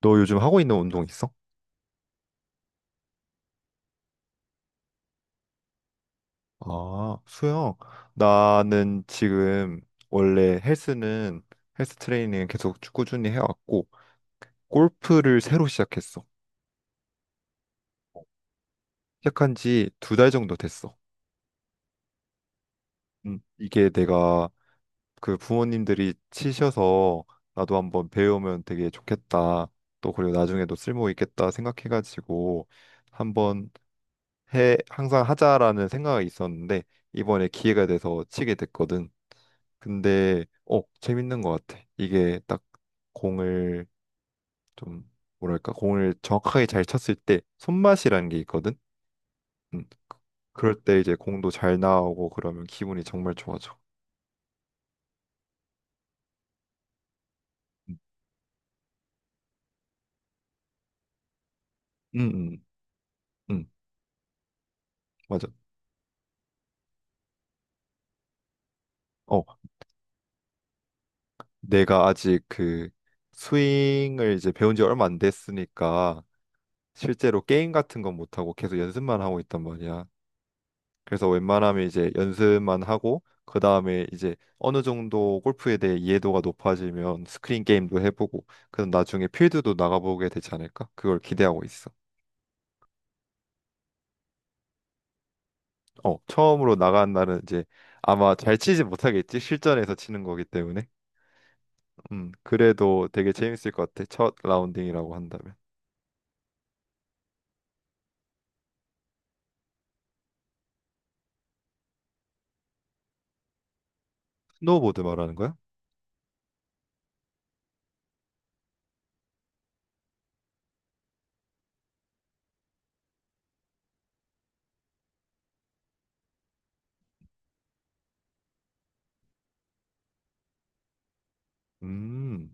너 요즘 하고 있는 운동 있어? 아, 수영. 나는 지금 원래 헬스는 헬스 트레이닝 계속 쭉 꾸준히 해왔고 골프를 새로 시작했어. 시작한 지 2달 정도 됐어. 이게 내가 그 부모님들이 치셔서 나도 한번 배우면 되게 좋겠다. 또 그리고 나중에도 쓸모 있겠다 생각해가지고 한번 해 항상 하자라는 생각이 있었는데 이번에 기회가 돼서 치게 됐거든. 근데 재밌는 것 같아. 이게 딱 공을 좀 뭐랄까 공을 정확하게 잘 쳤을 때 손맛이라는 게 있거든. 음, 그- 그럴 때 이제 공도 잘 나오고 그러면 기분이 정말 좋아져. 음, 음, 음, 음, 맞아. 어 내가 아직 그 스윙을 이제 배운 지 얼마 안 됐으니까 실제로 게임 같은 건 못하고 계속 연습만 하고 있단 말이야. 그래서 웬만하면 이제 연습만 하고 그 다음에 이제 어느 정도 골프에 대해 이해도가 높아지면 스크린 게임도 해보고 그럼 나중에 필드도 나가보게 되지 않을까? 그걸 기대하고 있어. 어, 처음으로 나간 날은 이제 아마 잘 치지 못하겠지? 실전에서 치는 거기 때문에. 그래도 되게 재밌을 것 같아. 첫 라운딩이라고 한다면. 스노우보드 말하는 거야? 음,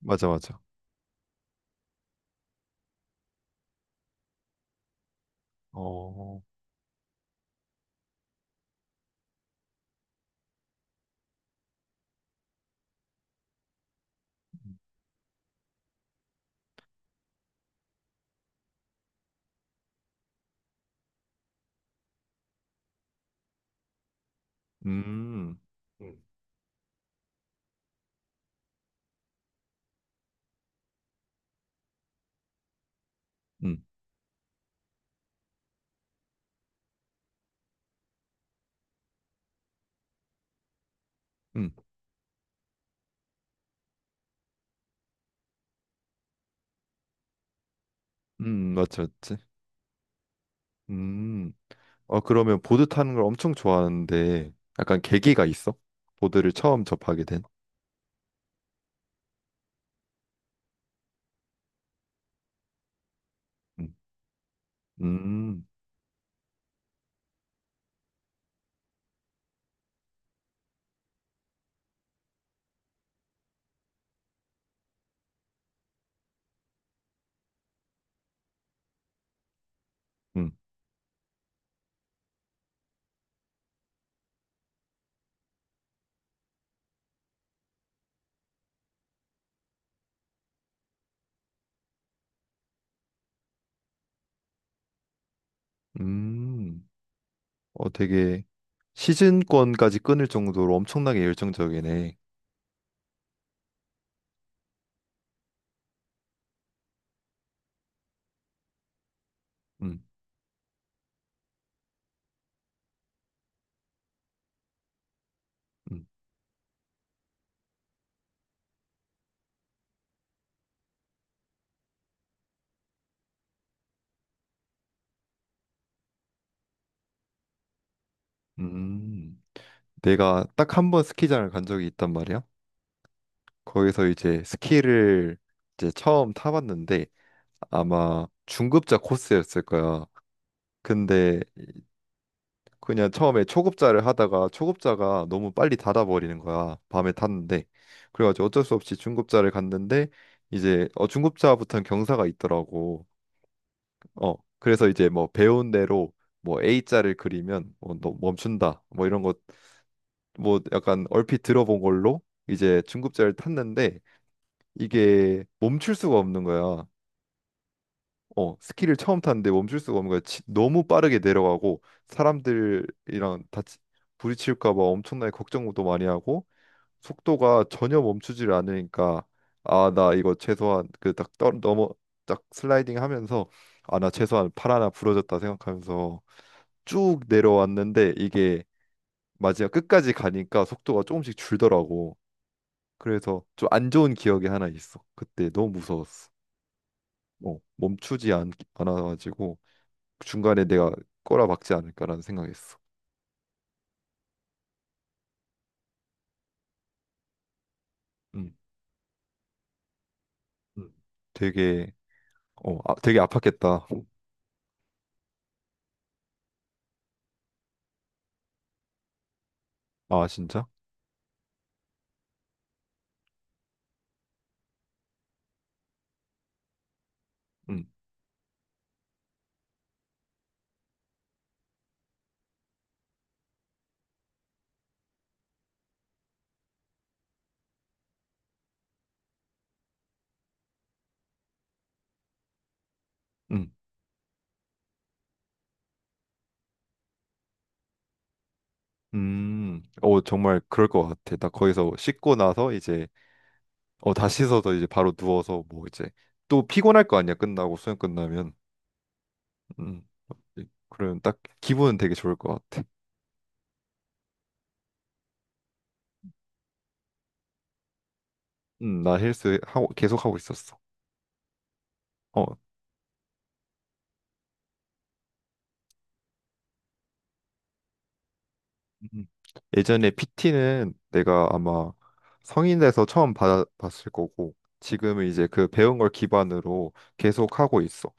맞아, 맞아. 어, 음, 음, 음, 음, 맞지, 맞지. 음. 어, 그러면 보드 타는 걸 엄청 좋아하는데 약간 계기가 있어? 보드를 처음 접하게 된? 음, 음, 음, 음. 어, 되게 시즌권까지 끊을 정도로 엄청나게 열정적이네. 음, 음, 음. 내가 딱 1번 스키장을 간 적이 있단 말이야. 거기서 이제 스키를 이제 처음 타봤는데 아마 중급자 코스였을 거야. 근데 그냥 처음에 초급자를 하다가 초급자가 너무 빨리 닫아버리는 거야. 밤에 탔는데. 그래가지고 어쩔 수 없이 중급자를 갔는데 이제 중급자부터는 경사가 있더라고. 어 그래서 이제 뭐 배운 대로 뭐 A자를 그리면 어, 너 멈춘다. 뭐 이런 것 뭐 약간 얼핏 들어본 걸로 이제 중급자를 탔는데 이게 멈출 수가 없는 거야. 어, 스키를 처음 탔는데 멈출 수가 없는 거야. 너무 빠르게 내려가고 사람들이랑 다치 부딪힐까 봐 엄청나게 걱정도 많이 하고 속도가 전혀 멈추지를 않으니까 아, 나 이거 최소한 그 딱 넘어 딱 슬라이딩 하면서 아, 나 최소한 팔 하나 부러졌다 생각하면서 쭉 내려왔는데 이게 마지막 끝까지 가니까 속도가 조금씩 줄더라고. 그래서 좀 안 좋은 기억이 하나 있어. 그때 너무 무서웠어. 어, 멈추지 않아가지고 중간에 내가 꼬라박지 않을까라는 생각했어. 음, 음, 되게 되게 아팠겠다. 아, 진짜? 음, 음. 어, 정말 그럴 것 같아. 나 거기서 씻고 나서 이제, 다 씻어서 이제 바로 누워서 뭐 이제 또 피곤할 거 아니야. 끝나고 수영 끝나면. 음, 그러면 딱 기분은 되게 좋을 것 같아. 나 헬스 하고 계속 하고 있었어. 어, 음. 예전에 PT는 내가 아마 성인 돼서 처음 받았을 거고 지금은 이제 그 배운 걸 기반으로 계속 하고 있어.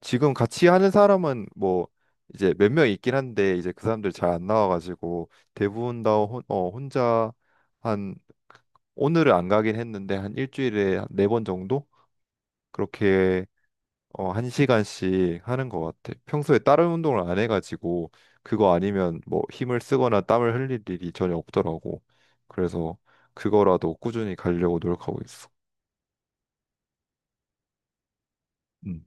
지금 같이 하는 사람은 뭐 이제 몇 명 있긴 한데 이제 그 사람들 잘 안 나와가지고 대부분 다 혼자 한 오늘은 안 가긴 했는데 한 일주일에 4번 정도 그렇게 어, 1시간씩 하는 것 같아. 평소에 다른 운동을 안 해가지고 그거 아니면 뭐 힘을 쓰거나 땀을 흘릴 일이 전혀 없더라고. 그래서 그거라도 꾸준히 가려고 노력하고 있어. 음,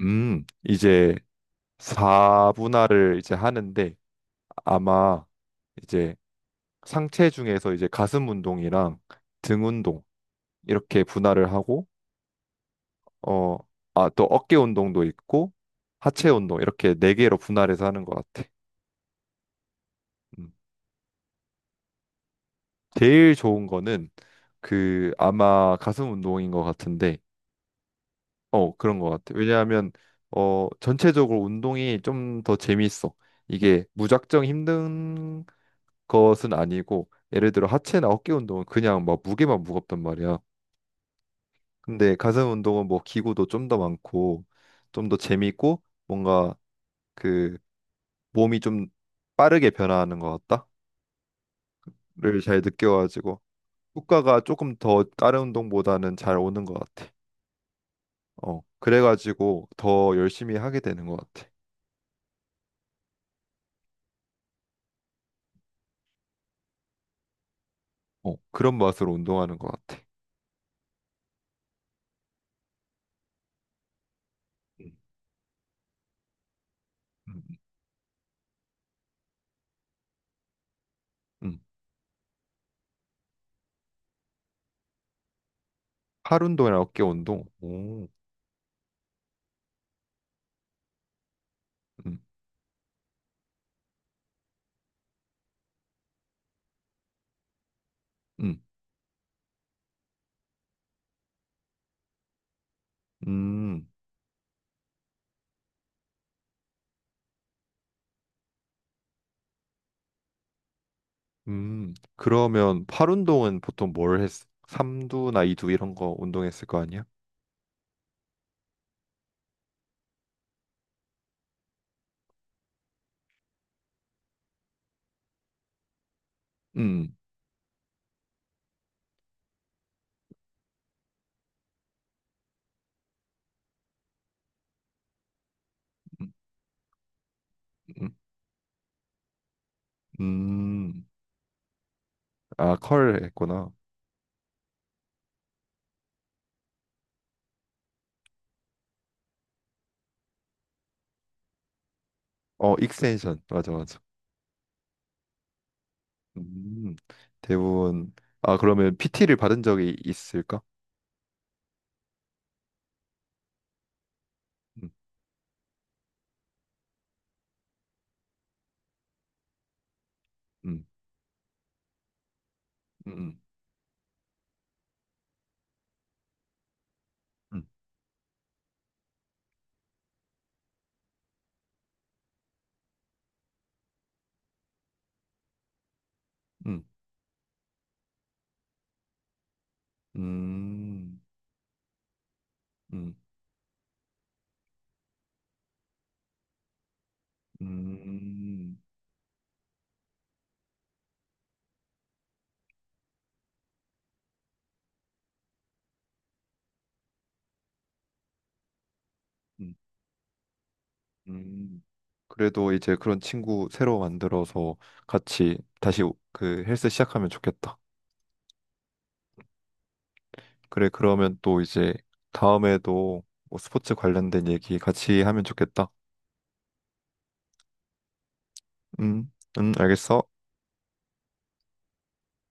이제 4분할을 이제 하는데 아마 이제 상체 중에서 이제 가슴 운동이랑 등 운동 이렇게 분할을 하고 어, 아, 또 어깨 운동도 있고 하체 운동 이렇게 네 개로 분할해서 하는 것 같아. 음. 제일 좋은 거는 그 아마 가슴 운동인 것 같은데 어 그런 것 같아 왜냐하면 어 전체적으로 운동이 좀 더 재밌어 이게 무작정 힘든 것은 아니고 예를 들어 하체나 어깨 운동은 그냥 막 무게만 무겁단 말이야 근데 가슴 운동은 뭐 기구도 좀 더 많고 좀 더 재밌고 뭔가 그 몸이 좀 빠르게 변화하는 것 같다를 잘 느껴가지고 효과가 조금 더 다른 운동보다는 잘 오는 것 같아 어, 그래가지고 더 열심히 하게 되는 것 같아. 어, 그런 맛으로 운동하는 것 같아. 음. 음, 음. 팔 운동이랑 어깨 운동. 오, 음, 음, 음, 그러면 팔 운동은 보통 뭘 했어? 삼두나 이두 이런 거 운동했을 거 아니야? 음, 음, 음. 음. 아, 컬 했구나. 어, 익스텐션. 맞아, 맞아. 음, 대부분. 아, 그러면 PT를 받은 적이 있을까? 음, 음, 음, 음, 음, 음. 음, 음, 음, 음. 그래도 이제 그런 친구 새로 만들어서 같이 다시 그 헬스 시작하면 좋겠다. 그래, 그러면 또 이제 다음에도 뭐 스포츠 관련된 얘기 같이 하면 좋겠다. 음, 알겠어.